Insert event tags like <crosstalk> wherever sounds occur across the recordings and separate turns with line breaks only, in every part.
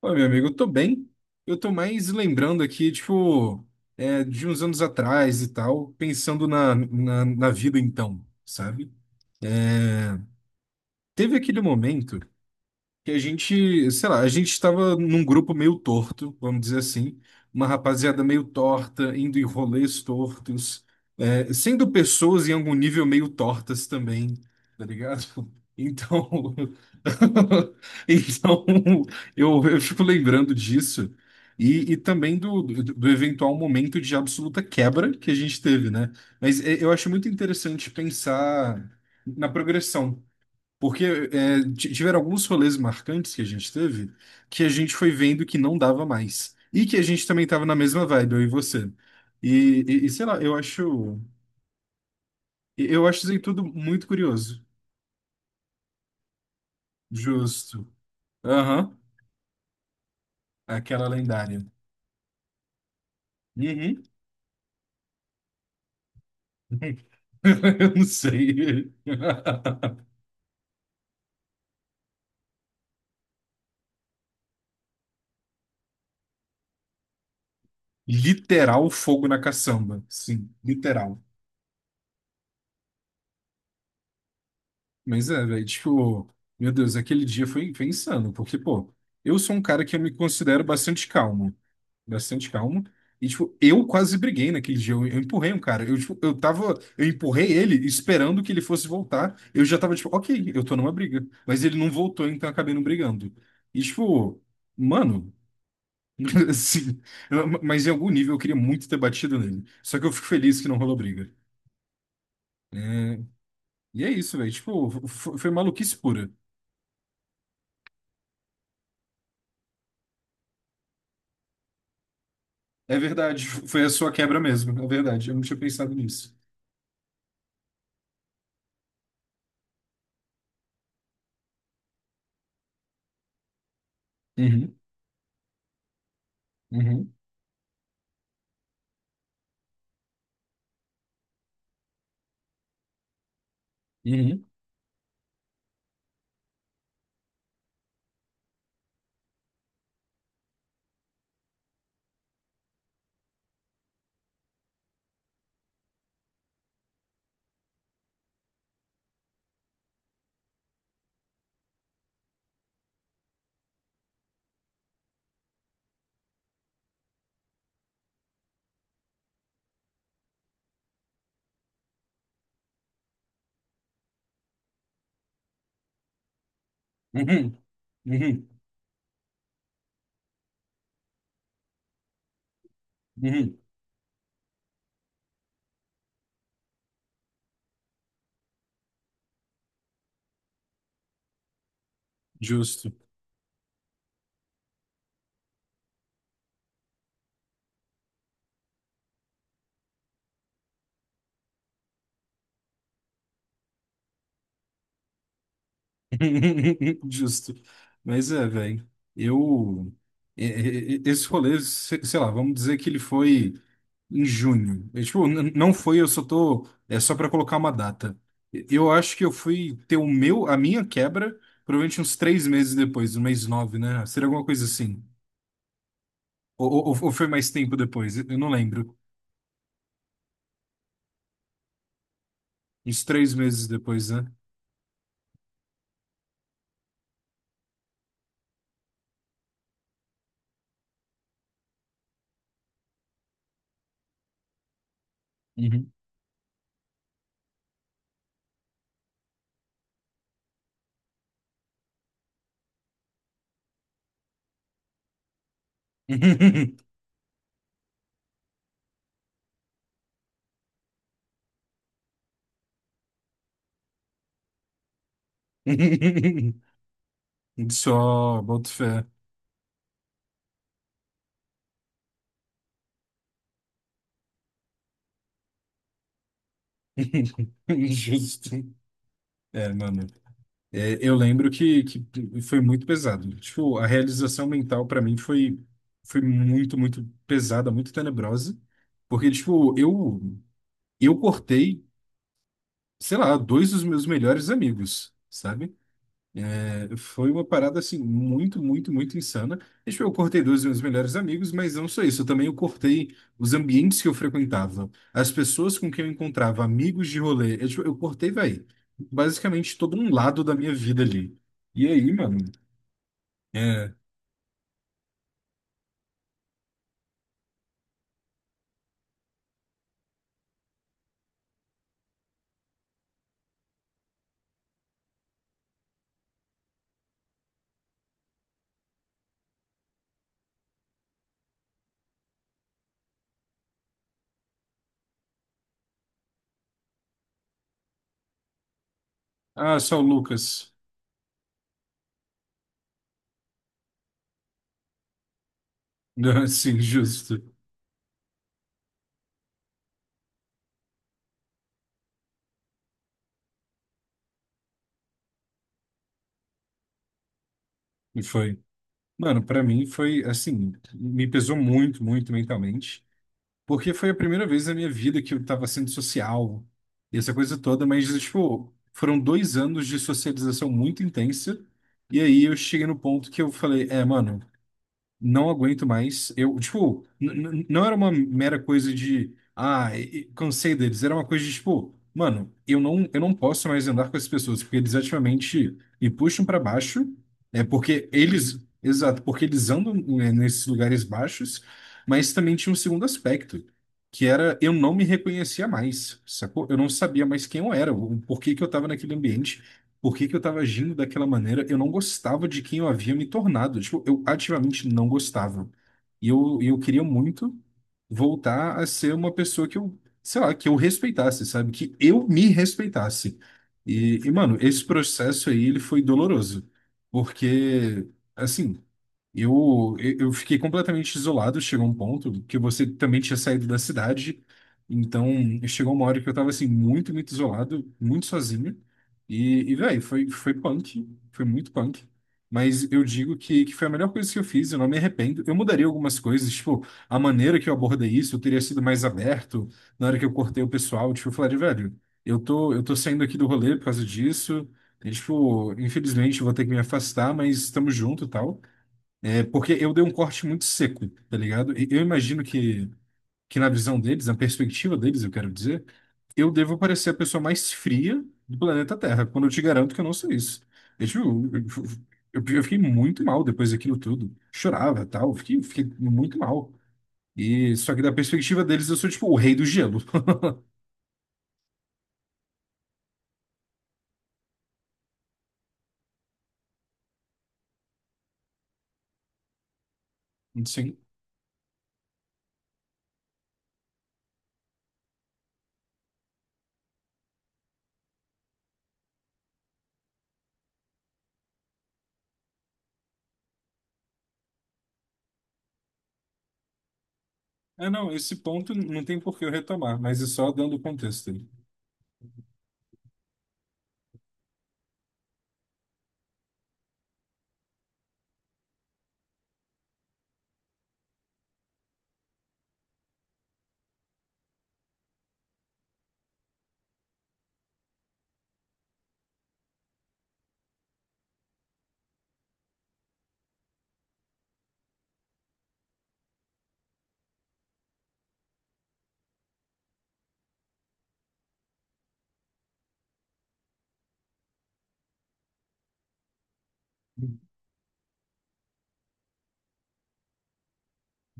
Oi, meu amigo, eu tô bem. Eu tô mais lembrando aqui, tipo, de uns anos atrás e tal, pensando na vida então, sabe? É, teve aquele momento que a gente, sei lá, a gente estava num grupo meio torto, vamos dizer assim, uma rapaziada meio torta, indo em rolês tortos, sendo pessoas em algum nível meio tortas também, tá ligado? Então, <laughs> então eu fico lembrando disso. E também do eventual momento de absoluta quebra que a gente teve, né? Mas é, eu acho muito interessante pensar na progressão. Porque tiveram alguns rolês marcantes que a gente teve que a gente foi vendo que não dava mais. E que a gente também estava na mesma vibe, eu e você. E, sei lá, eu acho. Eu acho isso aí tudo muito curioso. Justo. Aham. Aquela lendária. Uhum. <laughs> Eu não sei. <laughs> Literal fogo na caçamba. Sim, literal. Mas é, velho, tipo, meu Deus, aquele dia foi, foi insano, porque, pô, eu sou um cara que eu me considero bastante calmo, e, tipo, eu quase briguei naquele dia, eu empurrei um cara, eu, tipo, eu tava, eu empurrei ele esperando que ele fosse voltar, eu já tava, tipo, ok, eu tô numa briga, mas ele não voltou, então eu acabei não brigando. E, tipo, mano, <laughs> assim, mas em algum nível eu queria muito ter batido nele, só que eu fico feliz que não rolou briga. É, e é isso, velho, tipo, foi maluquice pura. É verdade, foi a sua quebra mesmo, é verdade, eu não tinha pensado nisso. Uhum, uhum, uhum, uhum, uhum, uhum. Justo, <laughs> justo. Mas é, velho, eu. Esse rolê, sei lá, vamos dizer que ele foi em junho. É, tipo, não foi, eu só tô. É só pra colocar uma data. Eu acho que eu fui ter o meu, a minha quebra, provavelmente uns 3 meses depois, no mês nove, né? Seria alguma coisa assim. Ou foi mais tempo depois? Eu não lembro. Uns três meses depois, né? Uhum. <laughs> Só, boto fé. <laughs> Justo. É, mano. É, eu lembro que foi muito pesado. Tipo, a realização mental pra mim foi, foi muito, muito pesada, muito tenebrosa. Porque, tipo, eu cortei, sei lá, dois dos meus melhores amigos, sabe? É, foi uma parada assim muito, muito, muito insana. E, tipo, eu cortei dois dos meus melhores amigos, mas não só isso, eu também eu cortei os ambientes que eu frequentava, as pessoas com quem eu encontrava, amigos de rolê. Eu, tipo, eu cortei, velho, basicamente todo um lado da minha vida ali. E aí, mano? É, ah, só o Lucas. <laughs> Assim, justo. E foi. Mano, pra mim foi assim, me pesou muito, muito mentalmente. Porque foi a primeira vez na minha vida que eu estava sendo social e essa coisa toda, mas, tipo, foram 2 anos de socialização muito intensa. E aí eu cheguei no ponto que eu falei, é, mano não aguento mais. Eu, tipo, não era uma mera coisa de, ah, e cansei deles. Era uma coisa de, tipo, mano, eu não posso mais andar com essas pessoas, porque eles ativamente me puxam para baixo. É porque eles, exato, porque eles andam, né, nesses lugares baixos, mas também tinha um segundo aspecto, que era eu não me reconhecia mais, sacou? Eu não sabia mais quem eu era, o porquê que eu estava naquele ambiente por que que eu estava agindo daquela maneira? Eu não gostava de quem eu havia me tornado. Tipo, eu ativamente não gostava. E eu queria muito voltar a ser uma pessoa que eu, sei lá, que eu respeitasse, sabe? Que eu me respeitasse. E mano, esse processo aí, ele foi doloroso. Porque, assim, eu fiquei completamente isolado, chegou um ponto que você também tinha saído da cidade, então chegou uma hora que eu tava assim, muito, muito isolado, muito sozinho, e velho, foi, foi punk, foi muito punk, mas eu digo que foi a melhor coisa que eu fiz, eu não me arrependo, eu mudaria algumas coisas, tipo, a maneira que eu abordei isso, eu teria sido mais aberto, na hora que eu cortei o pessoal, tipo, eu falaria, velho, eu tô saindo aqui do rolê por causa disso, e, tipo, infelizmente eu vou ter que me afastar, mas estamos junto e tal, é, porque eu dei um corte muito seco, tá ligado? E eu imagino que na visão deles, na perspectiva deles, eu quero dizer, eu devo parecer a pessoa mais fria do planeta Terra, quando eu te garanto que eu não sou isso. Eu, tipo, eu fiquei muito mal depois daquilo tudo. Chorava, tal, fiquei, fiquei muito mal. E só que da perspectiva deles, eu sou tipo o rei do gelo. <laughs> Sim. É, não, esse ponto não tem por que eu retomar, mas é só dando contexto.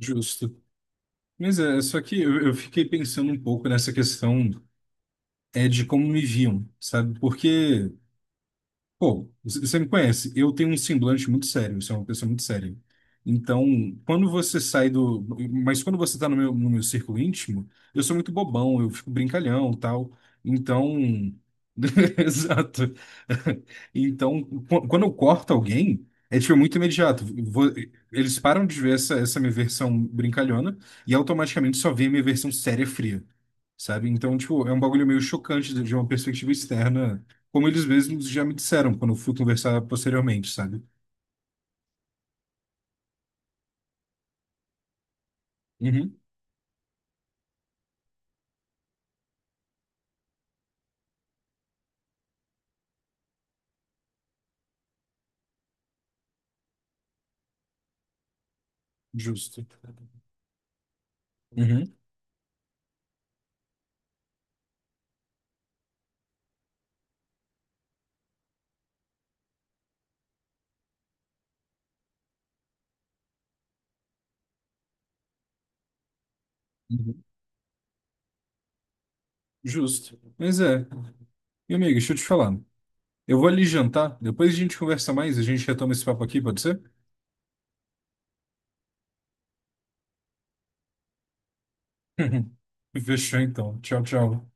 Justo. Mas é, só que eu fiquei pensando um pouco nessa questão é de como me viam, sabe? Porque Pô, você me conhece, eu tenho um semblante muito sério, eu sou uma pessoa muito séria. Então, quando você sai do. Mas quando você tá no meu, no meu círculo íntimo, eu sou muito bobão, eu fico brincalhão tal. Então. <laughs> Exato. Então, quando eu corto alguém, é tipo muito imediato. Eles param de ver essa, essa minha versão brincalhona e automaticamente só vê a minha versão séria fria, sabe? Então, tipo, é um bagulho meio chocante de uma perspectiva externa como eles mesmos já me disseram quando eu fui conversar posteriormente, sabe? Uhum, justo. Uhum, uhum. Justo. Mas é. Meu amigo, deixa eu te falar. Eu vou ali jantar, depois a gente conversa mais, a gente retoma esse papo aqui, pode ser? <laughs> Fechou então. Tchau, tchau.